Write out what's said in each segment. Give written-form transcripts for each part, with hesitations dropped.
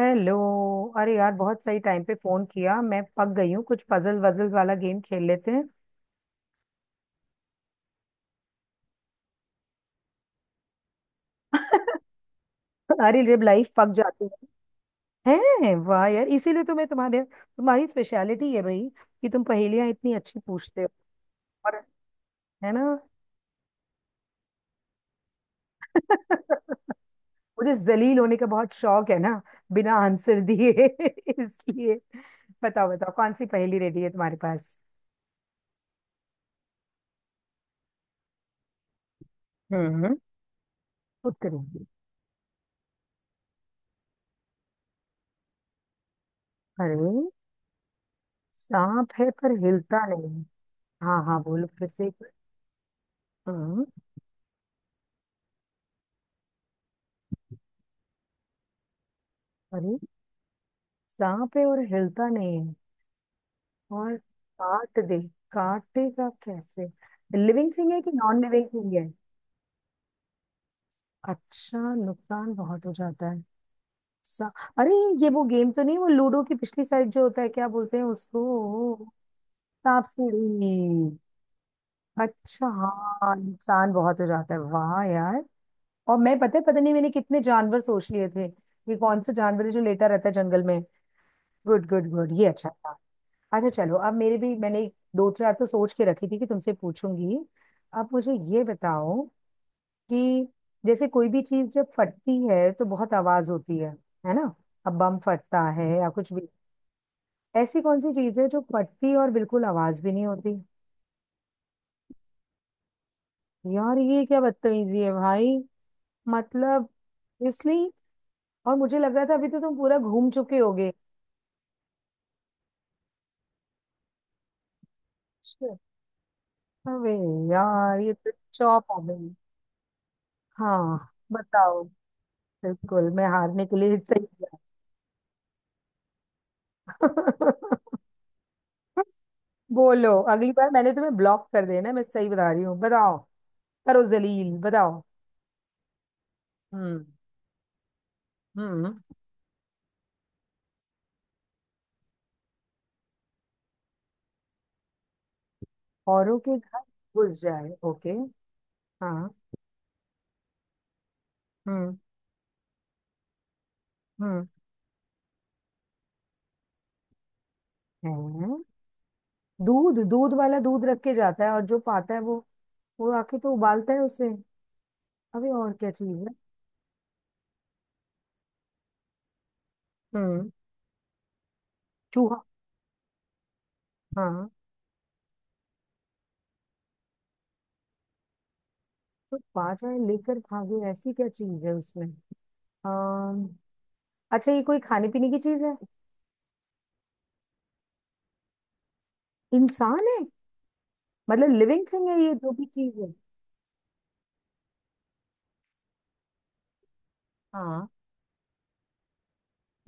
Hello. अरे यार बहुत सही टाइम पे फोन किया, मैं पक गई हूँ। कुछ पजल वजल वाला गेम खेल लेते हैं। अरे जब लाइफ पक जाती है। हैं, वाह यार, इसीलिए तो मैं तुम्हारे तुम्हारी स्पेशलिटी है भाई कि तुम पहेलियां इतनी अच्छी पूछते हो। और है ना, मुझे जलील होने का बहुत शौक है ना, बिना आंसर दिए इसलिए। बताओ बताओ कौन सी पहेली रेडी है तुम्हारे पास। हम्म। खुद करूंगी। अरे सांप है पर हिलता नहीं। हाँ हाँ बोलो फिर से एक बार। हम्म, अरे सांप है और हिलता नहीं है। और काट दे, काटेगा कैसे? लिविंग थिंग है कि नॉन लिविंग थिंग है? अच्छा, नुकसान बहुत हो जाता है। सा... अरे, ये वो गेम तो नहीं, वो लूडो की पिछली साइड जो होता है, क्या बोलते हैं उसको? सांप सीढ़ी। अच्छा हाँ, नुकसान बहुत हो जाता है, वाह यार। और मैं, पता है, पता नहीं मैंने कितने जानवर सोच लिए थे कि कौन सा जानवर है जो लेटा रहता है जंगल में। गुड गुड गुड, ये अच्छा था। अच्छा चलो, अब मेरे भी, मैंने दो चार तो सोच के रखी थी कि तुमसे पूछूंगी। अब मुझे ये बताओ कि जैसे कोई भी चीज जब फटती है तो बहुत आवाज होती है ना? अब बम फटता है या कुछ भी। ऐसी कौन सी चीज है जो फटती है और बिल्कुल आवाज भी नहीं होती? यार ये क्या बदतमीजी है भाई। मतलब, इसलिए। और मुझे लग रहा था अभी तो तुम पूरा घूम चुके होगे। Shit. अबे यार, ये तो चौप हो गई। हाँ बताओ। बिल्कुल, मैं हारने के लिए तैयार। बोलो, अगली बार मैंने तुम्हें ब्लॉक कर देना, मैं सही बता रही हूँ, बताओ। करो जलील, बताओ। हम्म हम्म। औरों के घर घुस जाए। ओके। हाँ। हम्म हम्म। है, दूध, दूध वाला दूध रख के जाता है और जो पाता है वो आके तो उबालता है उसे। अबे और क्या चीज है? हम्म। चूहा? हाँ। तो पा जाए लेकर भागे, ऐसी क्या चीज है उसमें? अम, अच्छा, ये कोई खाने पीने की चीज है? इंसान है? मतलब लिविंग थिंग है, ये जो भी चीज है। हाँ।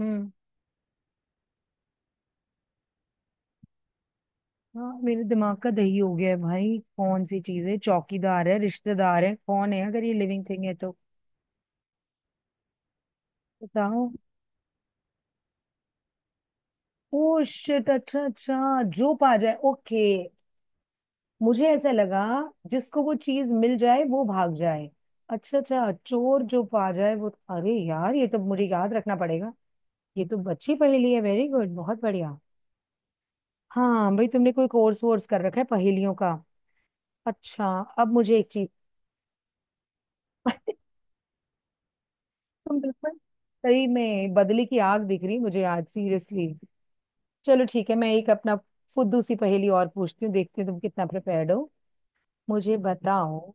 हम्म। हाँ, मेरे दिमाग का दही हो गया है भाई, कौन सी चीज है, चौकीदार है, रिश्तेदार है, कौन है अगर ये लिविंग थिंग है तो? बताओ। ओ शिट, अच्छा अच्छा, जो पा जाए, ओके। मुझे ऐसा लगा जिसको वो चीज मिल जाए वो भाग जाए। अच्छा अच्छा, चोर जो पा जाए वो। अरे यार, ये तो मुझे याद रखना पड़ेगा। ये तो अच्छी पहेली है, वेरी गुड, बहुत बढ़िया। हाँ भाई, तुमने कोई कोर्स वोर्स कर रखा है पहेलियों का? अच्छा, अब मुझे एक चीज। तुम बिल्कुल सही में, बदली की आग दिख रही मुझे आज, सीरियसली। चलो ठीक है, मैं एक अपना फुद्दू सी पहेली और पूछती हूँ, देखती हूँ तुम कितना प्रिपेयर्ड हो। मुझे बताओ,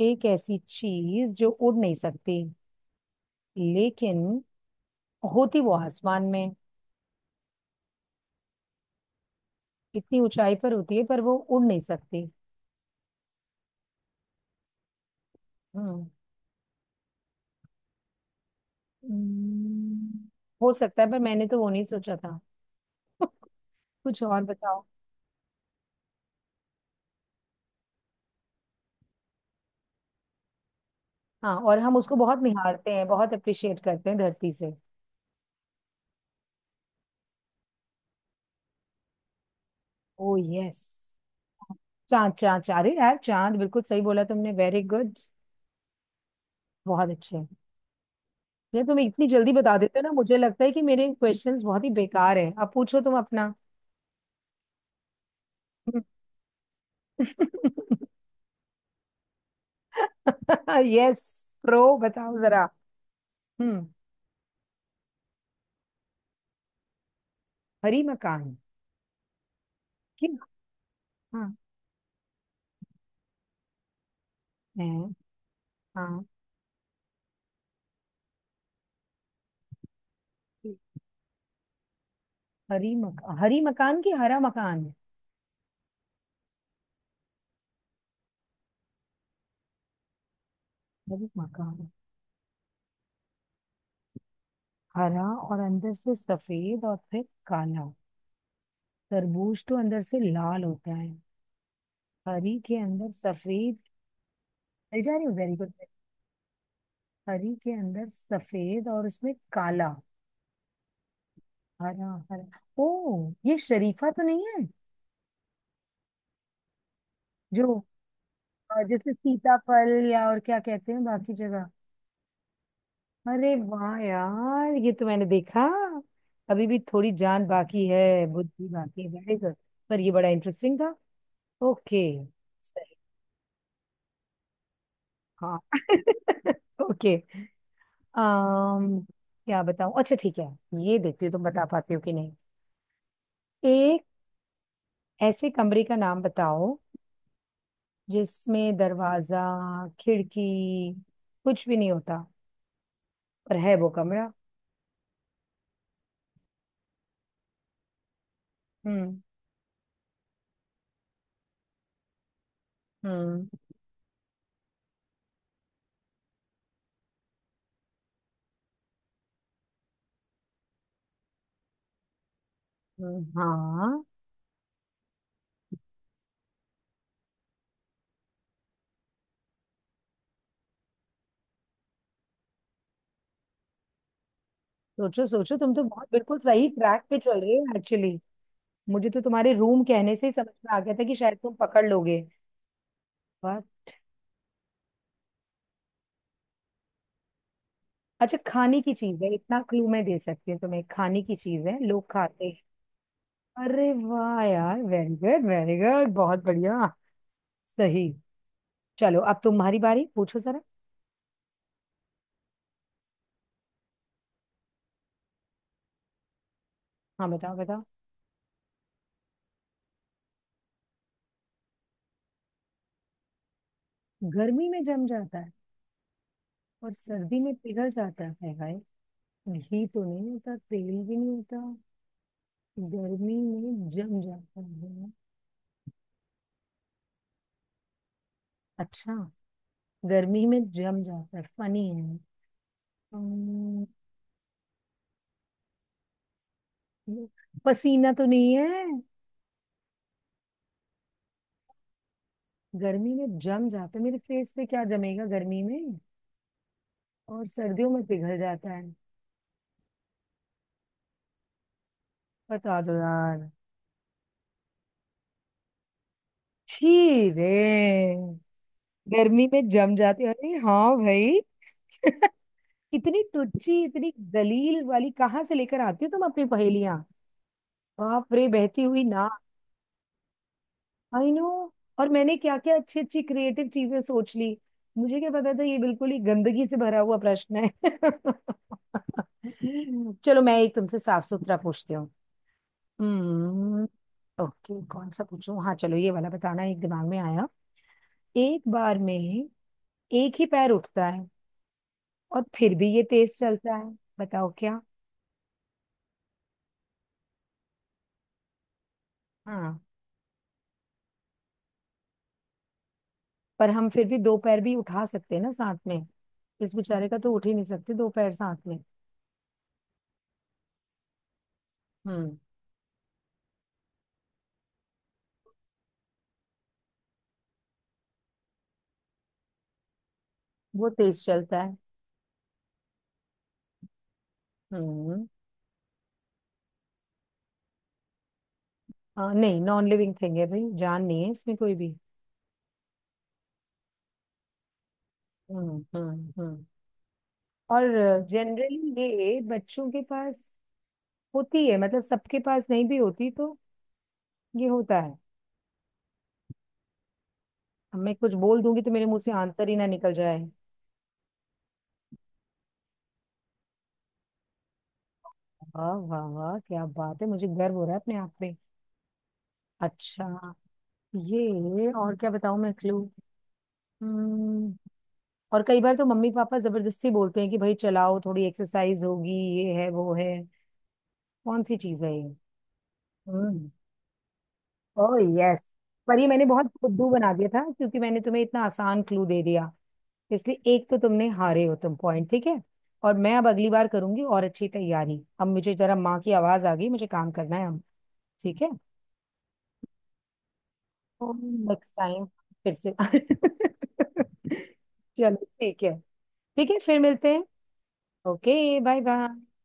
एक ऐसी चीज जो उड़ नहीं सकती, लेकिन होती वो आसमान में, इतनी ऊंचाई पर होती है पर वो उड़ नहीं सकती। हम्म। हम्म, हो सकता है, पर मैंने तो वो नहीं सोचा था। कुछ और बताओ। हाँ, और हम उसको बहुत निहारते हैं, बहुत अप्रिशिएट करते हैं धरती से। ओ यस। चांद चांद चांद, अरे यार, चांद बिल्कुल सही बोला तुमने, वेरी गुड, बहुत अच्छे। ये तुम इतनी जल्दी बता देते हो ना, मुझे लगता है कि मेरे क्वेश्चंस बहुत ही बेकार है। अब पूछो तुम अपना। यस, प्रो, बताओ जरा। हम्म। हरी मकान। कि? हाँ। है। हाँ। हरी मकान, हरी मकान की, हरा मकान। हरी मकान। हरा, और अंदर से सफेद, और फिर काला। तरबूज तो अंदर से लाल होता है। हरी के अंदर सफेद। मिल जा रही हूँ, वेरी गुड। हरी के अंदर सफेद और उसमें काला। हरा हरा, ओ ये शरीफा तो नहीं है? जो जैसे सीताफल, या और क्या कहते हैं बाकी जगह? अरे वाह यार, ये तो मैंने देखा। अभी भी थोड़ी जान बाकी है, बुद्धि बाकी है, very good। पर ये बड़ा इंटरेस्टिंग था। ओके। सही। हाँ। ओके। um, क्या बताऊं, अच्छा ठीक है। ये देखती हूँ तुम बता पाते हो कि नहीं। एक ऐसे कमरे का नाम बताओ जिसमें दरवाजा, खिड़की कुछ भी नहीं होता, पर है वो कमरा। हम्म। हम्म। हाँ। सोचो सोचो, तुम तो बहुत, बिल्कुल सही ट्रैक पे चल रहे हो एक्चुअली। मुझे तो तुम्हारे रूम कहने से ही समझ में आ गया था कि शायद तुम पकड़ लोगे। पर, अच्छा, खाने की चीज है, इतना क्लू मैं दे सकती हूँ तुम्हें, खाने की चीज है, लोग खाते हैं। अरे वाह यार, वेरी गुड वेरी गुड, बहुत बढ़िया, सही। चलो अब तुम्हारी बारी, पूछो जरा। हाँ बताओ बताओ। गर्मी में जम जाता है और सर्दी में पिघल जाता है, हाय। घी तो नहीं होता, तेल भी नहीं होता। गर्मी में जम जाता है। अच्छा। गर्मी में जम जाता है, फनी है। हम्म, पसीना तो नहीं है? गर्मी में जम जाता है, मेरे फेस पे क्या जमेगा गर्मी में, और सर्दियों में पिघल जाता है? बता दो यार। छी रे, गर्मी में जम जाती है, अरे हाँ भाई। इतनी टुच्ची, इतनी दलील वाली कहाँ से लेकर आती हो तुम अपनी पहेलियां? बाप रे, बहती हुई ना। I know. और मैंने क्या क्या अच्छी अच्छी क्रिएटिव चीजें सोच ली, मुझे क्या पता था ये बिल्कुल ही गंदगी से भरा हुआ प्रश्न है। चलो, मैं एक तुमसे साफ सुथरा पूछती हूँ। हम्म। ओके, कौन सा पूछूं, हाँ चलो ये वाला बताना, एक दिमाग में आया। एक बार में एक ही पैर उठता है, और फिर भी ये तेज चलता है। बताओ क्या। हाँ। पर हम फिर भी दो पैर भी उठा सकते हैं ना साथ में, इस बेचारे का तो उठ ही नहीं सकते दो पैर साथ में। हम्म। वो तेज चलता है। हम्म। हाँ नहीं, नॉन लिविंग थिंग है भाई, जान नहीं है इसमें कोई भी। हम्म। और जनरली ये बच्चों के पास होती है, मतलब सबके पास नहीं भी होती, तो ये होता है। अब मैं कुछ बोल दूंगी तो मेरे मुंह से आंसर ही ना निकल जाए। वाह वाह वाह, क्या बात है, मुझे गर्व हो रहा है अपने आप पे। अच्छा, ये और क्या बताऊं मैं क्लू। हम्म। और कई बार तो मम्मी पापा जबरदस्ती बोलते हैं कि भाई चलाओ, थोड़ी एक्सरसाइज होगी, ये है वो है। कौन सी चीज है ये? हम्म। Oh yes. पर ये मैंने बहुत खुद्दू बना दिया था क्योंकि मैंने तुम्हें इतना आसान क्लू दे दिया। इसलिए एक तो तुमने, हारे हो तुम, पॉइंट ठीक है। और मैं अब अगली बार करूंगी और अच्छी तैयारी। अब मुझे जरा माँ की आवाज आ गई, मुझे काम करना है, हम। ठीक है। नेक्स्ट टाइम फिर से। चलो ठीक है। ठीक है, फिर मिलते हैं। ओके। Bye bye.